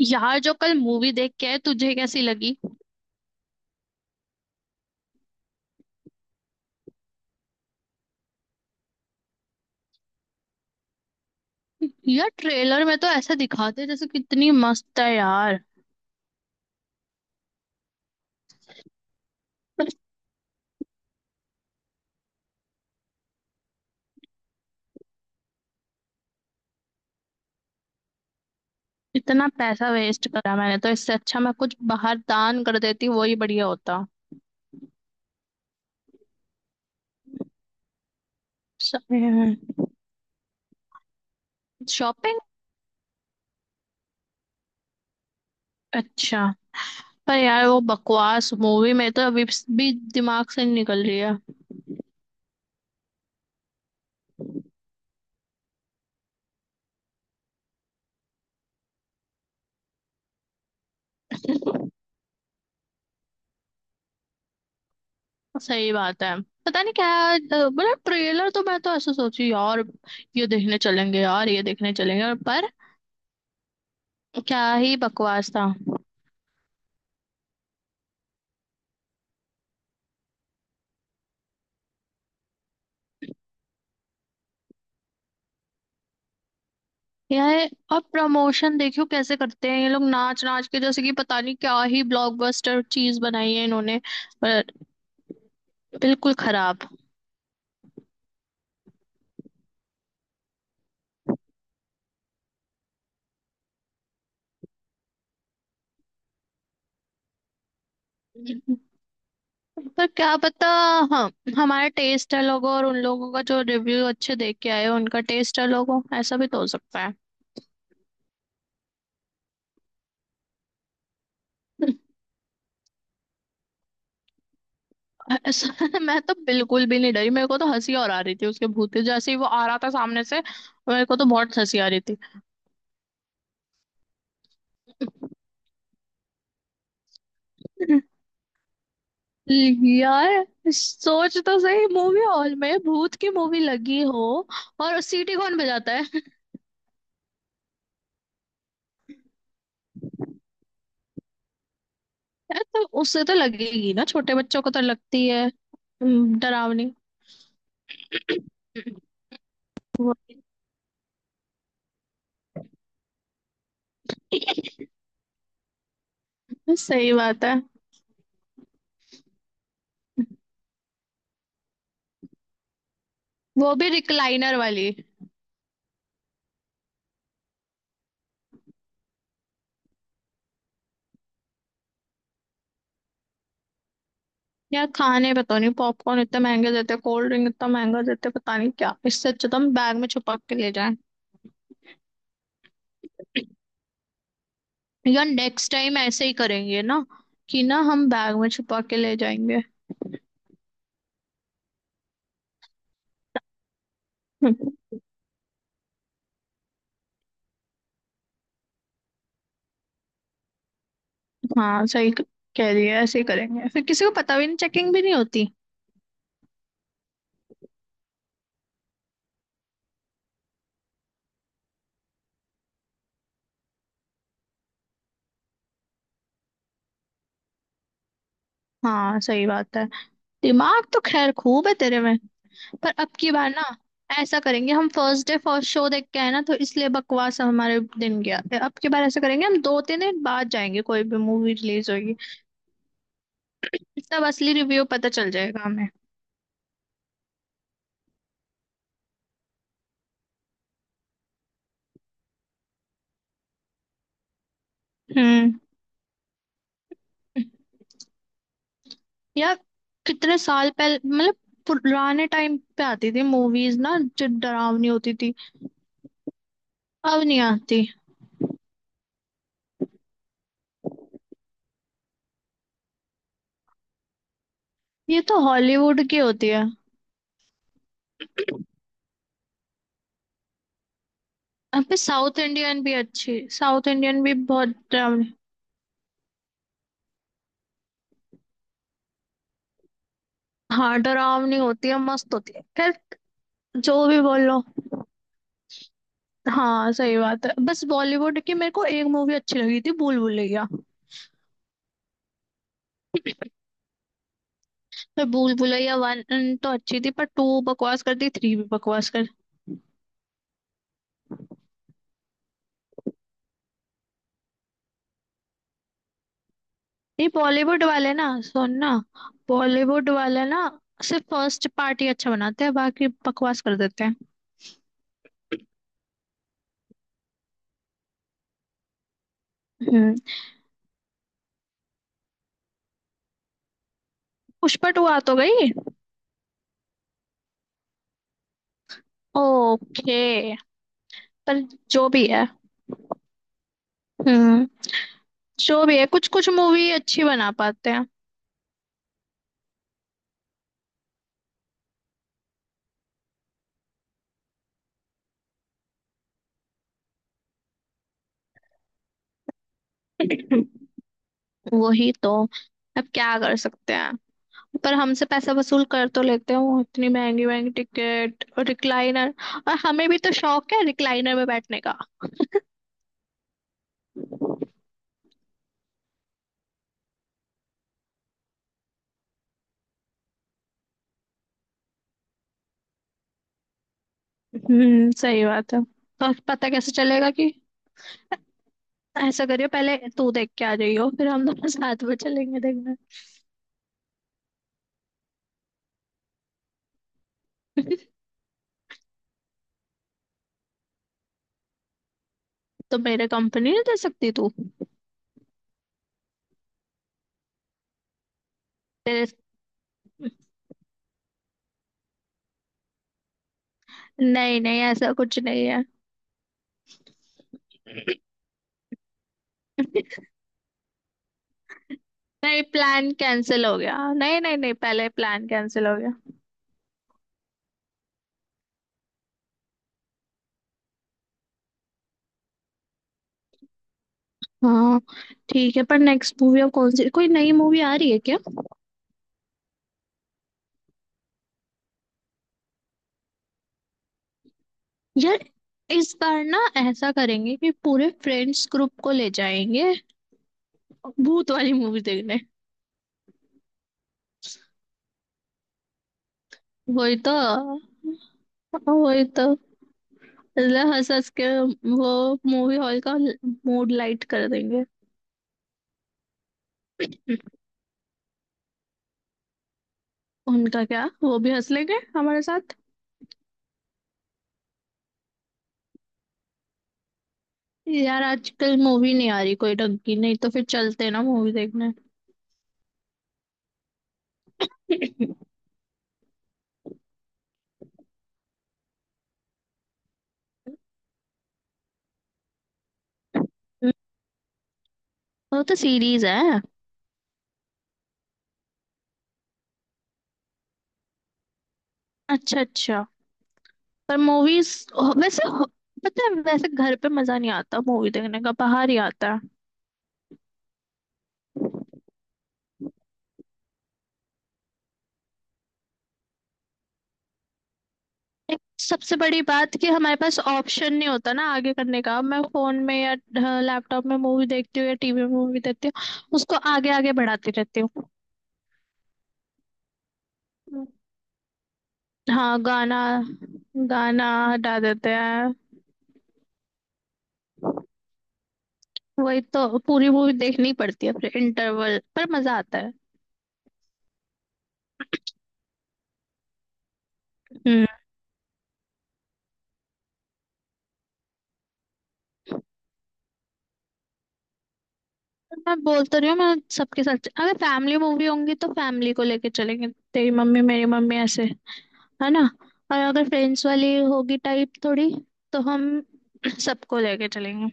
यार जो कल मूवी देख के आए तुझे कैसी लगी। यार ट्रेलर में तो ऐसा दिखाते हैं जैसे कितनी मस्त है। यार इतना पैसा वेस्ट करा, मैंने तो इससे अच्छा मैं कुछ बाहर दान कर देती, वही बढ़िया होता। शॉपिंग। अच्छा। पर यार वो बकवास मूवी में तो अभी भी दिमाग से नहीं निकल रही है। सही बात है। पता नहीं क्या। मतलब ट्रेलर तो मैं तो ऐसा सोची, यार ये देखने चलेंगे, यार ये देखने चलेंगे और पर क्या ही बकवास था। यार अब प्रमोशन देखियो कैसे करते हैं ये लोग, नाच नाच के जैसे कि पता नहीं क्या ही ब्लॉकबस्टर चीज बनाई है इन्होंने। पर बिल्कुल खराब। पर क्या पता। हाँ, हमारा टेस्ट है लोगों और उन लोगों का जो रिव्यू अच्छे देख के आए हो, उनका टेस्ट है लोगों, ऐसा भी तो हो सकता है। ऐसा मैं तो बिल्कुल भी नहीं डरी, मेरे को तो हंसी और आ रही थी उसके भूत की। जैसे ही वो आ रहा था सामने से, मेरे को तो बहुत हंसी आ रही थी। यार सोच तो सही, मूवी हॉल में भूत की मूवी लगी हो और सीटी कौन बजाता है। यार तो उससे तो लगेगी ना, छोटे बच्चों को तो लगती है डरावनी। वही। सही बात है। वो भी रिक्लाइनर वाली। यार खाने पता नहीं, पॉपकॉर्न इतने महंगे देते, कोल्ड ड्रिंक इतना महंगा देते, पता नहीं क्या। इससे अच्छा तो हम बैग में छुपा के ले जाएं। यार नेक्स्ट टाइम ऐसे ही करेंगे ना, कि ना हम बैग में छुपा के ले जाएंगे। हाँ सही कह रही है ऐसे ही करेंगे फिर, किसी को पता भी नहीं, चेकिंग भी नहीं होती। हाँ सही बात है। दिमाग तो खैर खूब है तेरे में। पर अब की बार ना, ऐसा करेंगे, हम फर्स्ट डे फर्स्ट शो देख के आए ना तो इसलिए बकवास हमारे दिन गया। अब की बार ऐसा करेंगे, हम दो तीन दिन बाद जाएंगे कोई भी मूवी रिलीज होगी। तब असली रिव्यू पता चल जाएगा हमें। हम्म। यार कितने साल पहले मतलब पुराने टाइम पे आती थी मूवीज ना, जो डरावनी होती थी। अब नहीं आती। ये तो हॉलीवुड की होती है। यहाँ पे साउथ इंडियन भी अच्छी, साउथ इंडियन भी बहुत डरावनी। हाँ डरावनी होती है, मस्त होती है। खैर जो भी बोल लो, हाँ सही बात है। बस बॉलीवुड की मेरे को एक मूवी अच्छी लगी थी, भूल भुलैया। पर भूल भुलैया वन तो अच्छी थी, पर टू बकवास कर दी, थ्री भी बकवास कर। ये बॉलीवुड वाले ना, सुनना, बॉलीवुड वाले ना सिर्फ फर्स्ट पार्ट ही अच्छा बनाते हैं, बाकी बकवास कर देते हैं। हम्म। पुष्पा टू आ तो गई। ओके। पर जो भी है। हम्म। जो भी है, कुछ कुछ मूवी अच्छी बना पाते हैं। वही तो, अब क्या कर सकते हैं। पर हमसे पैसा वसूल कर तो लेते हैं वो, इतनी महंगी महंगी टिकट और रिक्लाइनर। और हमें भी तो शौक है रिक्लाइनर में बैठने का। सही बात है। तो पता कैसे चलेगा कि, ऐसा करियो पहले तू देख के आ जाइयो, फिर हम दोनों साथ में चलेंगे देखने। तो मेरे कंपनी नहीं दे सकती तू। तेरे, नहीं नहीं ऐसा कुछ नहीं है। नहीं, प्लान कैंसिल हो गया, नहीं नहीं नहीं पहले प्लान कैंसिल हो गया। हाँ ठीक है। पर नेक्स्ट मूवी अब कौन सी, कोई नई मूवी आ रही है क्या। यार इस बार ना ऐसा करेंगे कि पूरे फ्रेंड्स ग्रुप को ले जाएंगे, भूत वाली मूवी देखने। वही तो। वही तो, मतलब हंस हंस के वो मूवी हॉल का मूड लाइट कर देंगे। उनका क्या, वो भी हंस लेंगे हमारे साथ। यार आजकल मूवी नहीं आ रही कोई ढंग की, नहीं तो फिर चलते ना मूवी देखने। वो तो सीरीज है। अच्छा अच्छा। पर मूवीज वैसे हो- पता है, वैसे घर पे मजा नहीं आता मूवी देखने का, बाहर ही आता है। एक सबसे बड़ी बात कि हमारे पास ऑप्शन नहीं होता ना आगे करने का। अब मैं फोन में या लैपटॉप में मूवी देखती हूँ या टीवी में मूवी देखती हूँ, उसको आगे आगे बढ़ाती रहती हूँ। हाँ गाना, गाना हटा देते हैं। वही तो, पूरी मूवी देखनी पड़ती है, फिर इंटरवल पर मजा आता है। हम्म। मैं बोल तो रही हूँ, मैं सबके साथ अगर फैमिली मूवी होंगी तो फैमिली को लेके चलेंगे, तेरी मम्मी मेरी मम्मी ऐसे, है ना। और अगर फ्रेंड्स वाली होगी टाइप थोड़ी, तो हम सबको लेके चलेंगे।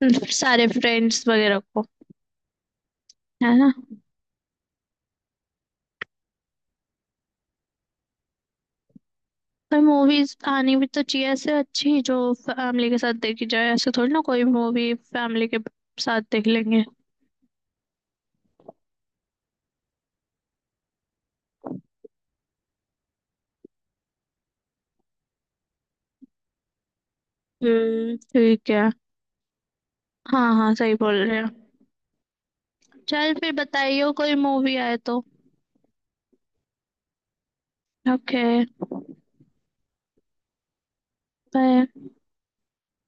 सारे फ्रेंड्स वगैरह को, है ना। पर मूवीज आनी भी तो चाहिए ऐसे अच्छी जो फैमिली के साथ देखी जाए, ऐसे थोड़ी ना कोई मूवी फैमिली के साथ देख लेंगे। ठीक है। हाँ हाँ सही बोल रहे हो। चल फिर बताइयो कोई मूवी आए तो। Okay bye.